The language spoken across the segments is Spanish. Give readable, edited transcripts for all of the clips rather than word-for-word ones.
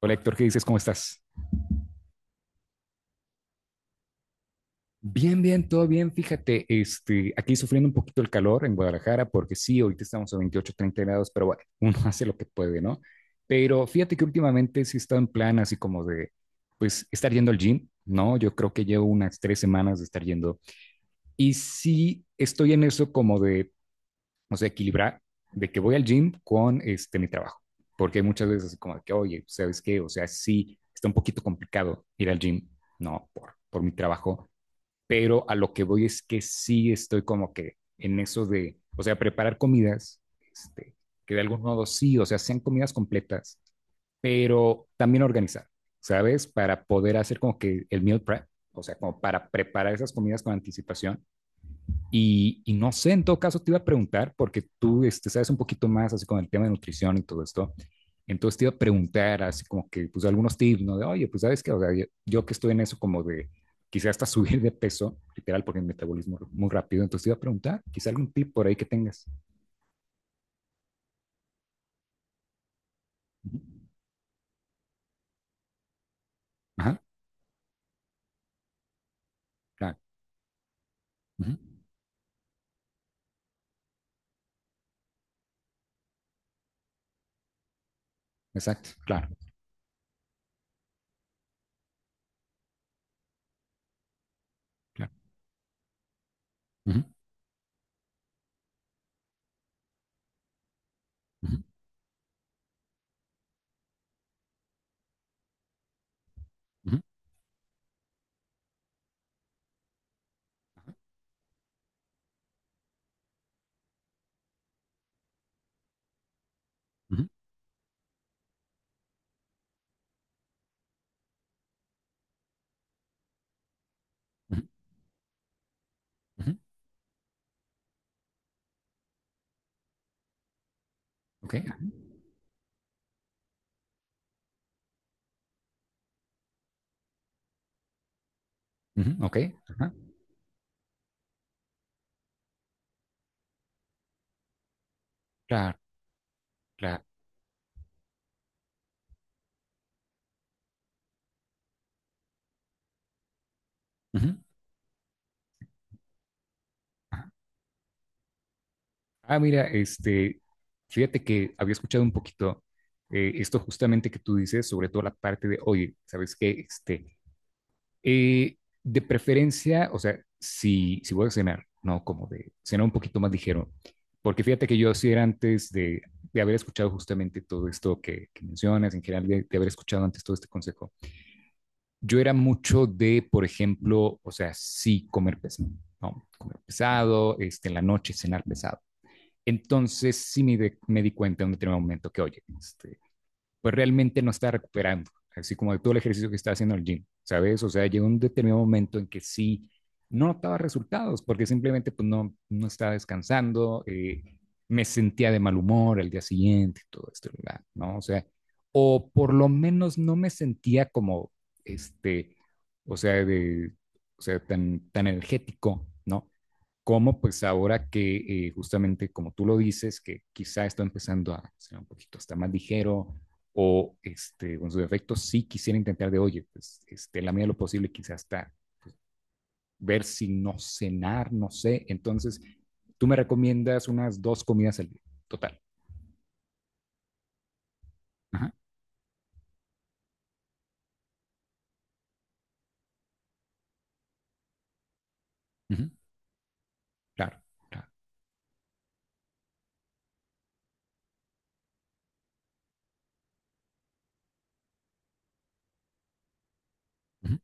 Hola Héctor, ¿qué dices? ¿Cómo estás? Bien, bien, todo bien. Fíjate, aquí sufriendo un poquito el calor en Guadalajara, porque sí, ahorita estamos a 28, 30 grados, pero bueno, uno hace lo que puede, ¿no? Pero fíjate que últimamente sí he estado en plan así como de, pues, estar yendo al gym, ¿no? Yo creo que llevo unas 3 semanas de estar yendo. Y sí estoy en eso como de, o sea, equilibrar, de que voy al gym con, mi trabajo. Porque hay muchas veces así como de que, oye, ¿sabes qué? O sea, sí, está un poquito complicado ir al gym, ¿no? Por mi trabajo, pero a lo que voy es que sí estoy como que en eso de, o sea, preparar comidas, este, que de algún modo sí, o sea, sean comidas completas, pero también organizar, ¿sabes? Para poder hacer como que el meal prep, o sea, como para preparar esas comidas con anticipación y, no sé, en todo caso te iba a preguntar, porque tú sabes un poquito más así con el tema de nutrición y todo esto. Entonces te iba a preguntar así como que, pues algunos tips, ¿no? De, oye, pues sabes que, o sea, yo, que estoy en eso como de, quizás hasta subir de peso, literal, porque el metabolismo es muy rápido. Entonces te iba a preguntar, quizá algún tip por ahí que tengas. Ajá, claro. Ajá, exacto, claro, claro. Ajá, ajá, ok, ujú, ok, ajá, claro, claro. Ujú, ajá. Ah, mira, fíjate que había escuchado un poquito esto justamente que tú dices, sobre todo la parte de, oye, ¿sabes qué? Eh, de preferencia, o sea, si voy a cenar, ¿no? Como de cenar un poquito más ligero, porque fíjate que yo sí era antes de, haber escuchado justamente todo esto que mencionas, en general de, haber escuchado antes todo este consejo, yo era mucho de, por ejemplo, o sea, sí comer pesado, ¿no? Comer pesado, en la noche cenar pesado. Entonces sí me di cuenta en un determinado momento que, oye, pues realmente no estaba recuperando, así como de todo el ejercicio que estaba haciendo en el gym, ¿sabes? O sea, llegó un determinado momento en que sí no notaba resultados porque simplemente pues no, no estaba descansando, me sentía de mal humor al día siguiente, todo esto, ¿verdad? ¿No? O sea, o por lo menos no me sentía como, este, o sea, de, o sea, tan energético, ¿no? Como pues ahora que justamente como tú lo dices, que quizá está empezando a ser un poquito hasta más ligero o con sus efectos, sí quisiera intentar de, oye, pues en la medida de lo posible quizás hasta ver si no cenar, no sé. Entonces, tú me recomiendas unas 2 comidas al día, total. Ajá, ujú, claro, claro, ujú,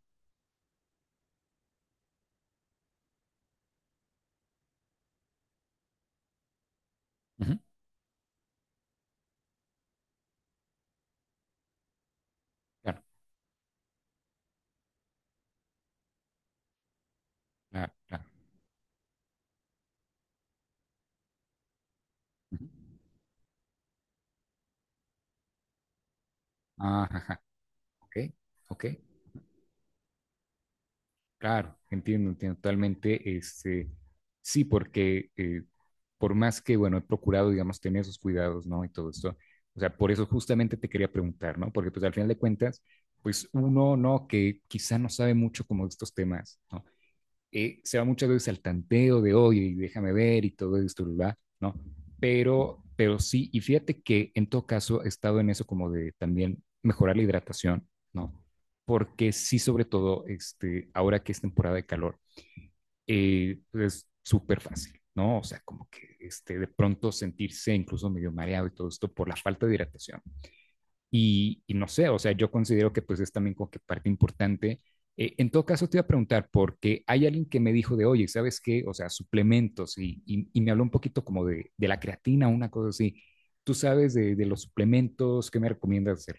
ujú, claro, claro, claro. Ujú. Ajá, ajá, ok, ok, claro, entiendo, entiendo totalmente. Sí, porque por más que, bueno, he procurado, digamos, tener esos cuidados, ¿no? Y todo esto. O sea, por eso justamente te quería preguntar, ¿no? Porque pues al final de cuentas, pues uno, ¿no? Que quizá no sabe mucho como de estos temas, ¿no? Se va muchas veces al tanteo de, oye, déjame ver y todo esto, ¿verdad? ¿No? Pero sí, y fíjate que en todo caso he estado en eso como de también mejorar la hidratación, ¿no? Porque sí, sobre todo, ahora que es temporada de calor, es súper fácil, ¿no? O sea, como que de pronto sentirse incluso medio mareado y todo esto por la falta de hidratación. Y, no sé, o sea, yo considero que pues es también como que parte importante. En todo caso, te iba a preguntar, porque hay alguien que me dijo de, oye, ¿sabes qué? O sea, suplementos, y me habló un poquito como de, la creatina, una cosa así. ¿Tú sabes de, los suplementos? ¿Qué me recomiendas hacer?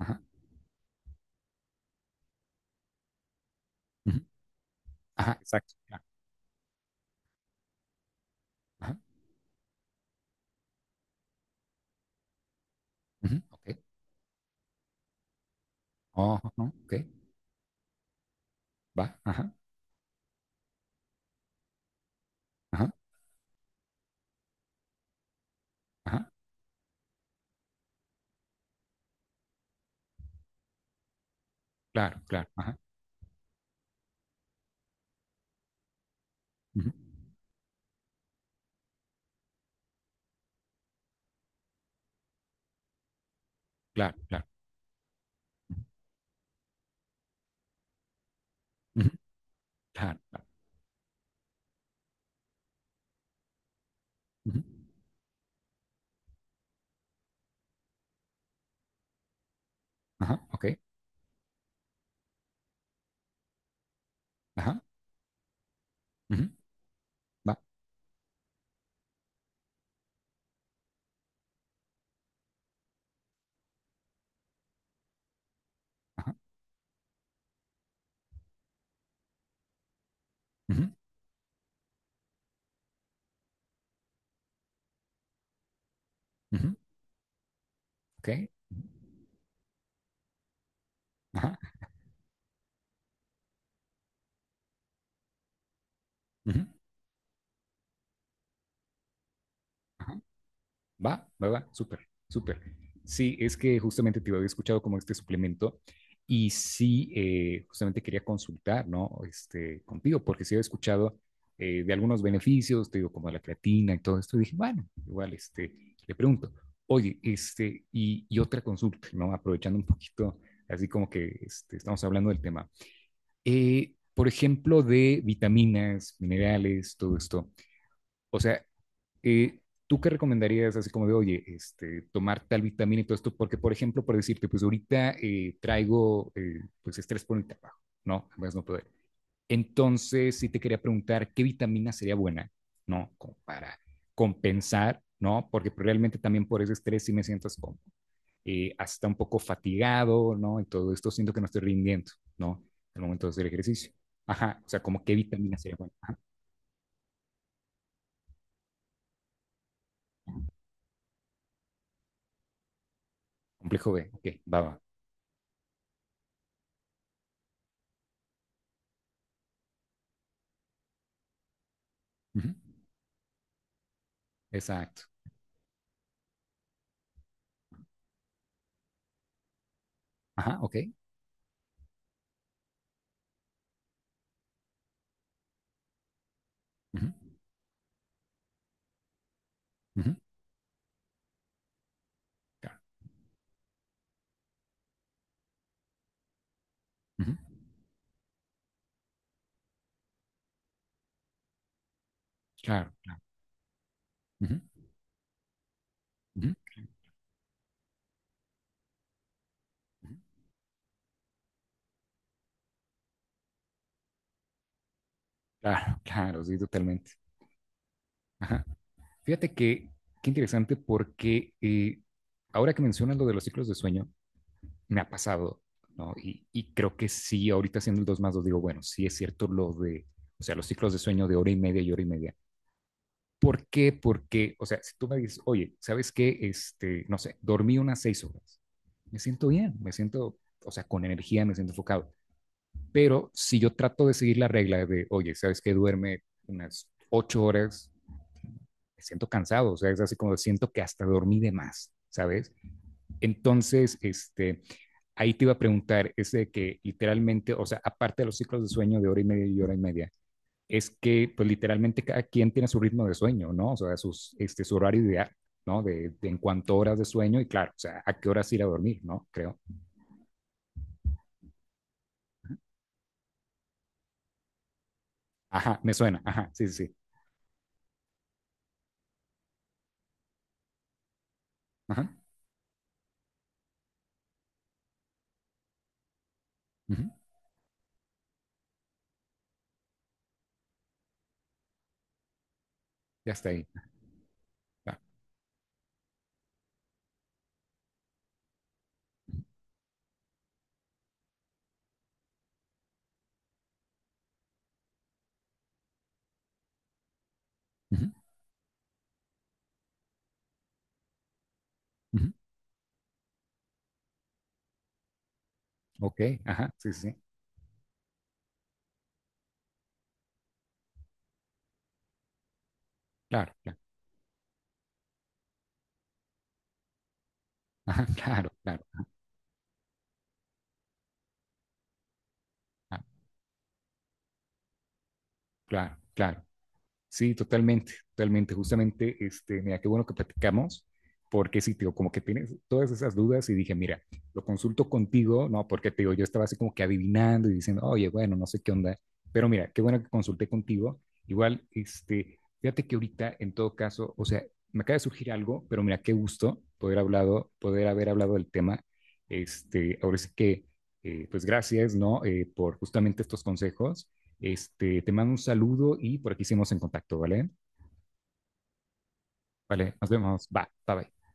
Ajá, ujú, ajá, exacto. Claro, ajá, ujú, ok, oh, no, ok, va, ajá, ajá, ajá. Claro, claro. Ajá. Ujú, claro, claro. Ujú, claro, claro. Ujú, ajá, ok. Ajá. Ujú, va. Ajá. Ujú, ujú, ok. Ajá. Ujú, ajá, va, va, va, súper, súper. Sí, es que justamente te había escuchado como este suplemento y sí, justamente quería consultar, ¿no? Contigo, porque sí había escuchado de algunos beneficios, te digo, como la creatina y todo esto, y dije, bueno, igual, le pregunto, oye, y otra consulta, ¿no? Aprovechando un poquito, así como que estamos hablando del tema. Por ejemplo, de vitaminas, minerales, todo esto. O sea, eh, ¿tú qué recomendarías así como de, oye, tomar tal vitamina y todo esto? Porque, por ejemplo, por decirte, pues ahorita traigo pues estrés por el trabajo, ¿no? Además no poder. Entonces, sí te quería preguntar, ¿qué vitamina sería buena, ¿no? Como para compensar, ¿no? Porque pues, realmente también por ese estrés sí me siento así como hasta un poco fatigado, ¿no? Y todo esto siento que no estoy rindiendo, ¿no? Al momento de hacer ejercicio. Ajá, o sea, como qué vitamina sería buena. Ajá, complejo B, ok, va, va. Ujú, exacto. Ajá, ok. Ujú, ujú, claro, ujú, claro, claro. Ujú, ujú, ujú, claro, claro, sí, totalmente. Ajá. Fíjate que, qué interesante porque ahora que mencionas lo de los ciclos de sueño, me ha pasado, ¿no? Y, creo que sí, ahorita haciendo el 2 más 2 digo, bueno, sí es cierto lo de, o sea, los ciclos de sueño de hora y media y hora y media. ¿Por qué? Porque, o sea, si tú me dices, oye, ¿sabes qué? No sé, dormí unas 6 horas. Me siento bien, me siento, o sea, con energía, me siento enfocado. Pero si yo trato de seguir la regla de, oye, ¿sabes que? Duerme unas 8 horas, me siento cansado, o sea, es así como siento que hasta dormí de más, ¿sabes? Entonces, ahí te iba a preguntar, es de que literalmente, o sea, aparte de los ciclos de sueño de hora y media y hora y media, es que, pues literalmente cada quien tiene su ritmo de sueño, ¿no? O sea, sus, su horario ideal, ¿no? De, en cuanto a horas de sueño y claro, o sea, a qué horas ir a dormir, ¿no? Creo. Ajá, me suena, ajá, sí, sí, sí. Ajá, uh -huh. Ya está ahí. Uh -huh. Uh -huh. Ok, ajá, sí, sí, claro, claro, ajá, claro, claro, ah, claro, claro. Sí, totalmente, totalmente. Justamente, mira, qué bueno que platicamos, porque sí, te digo, como que tienes todas esas dudas y dije, mira, lo consulto contigo, ¿no? Porque te digo, yo estaba así como que adivinando y diciendo, oye, bueno, no sé qué onda, pero mira, qué bueno que consulté contigo. Igual, fíjate que ahorita, en todo caso, o sea, me acaba de surgir algo, pero mira, qué gusto poder hablado, poder haber hablado del tema. Ahora sí que, pues gracias, ¿no? Por justamente estos consejos te mando un saludo y por aquí seguimos en contacto, ¿vale? Vale, nos vemos. Va, bye bye.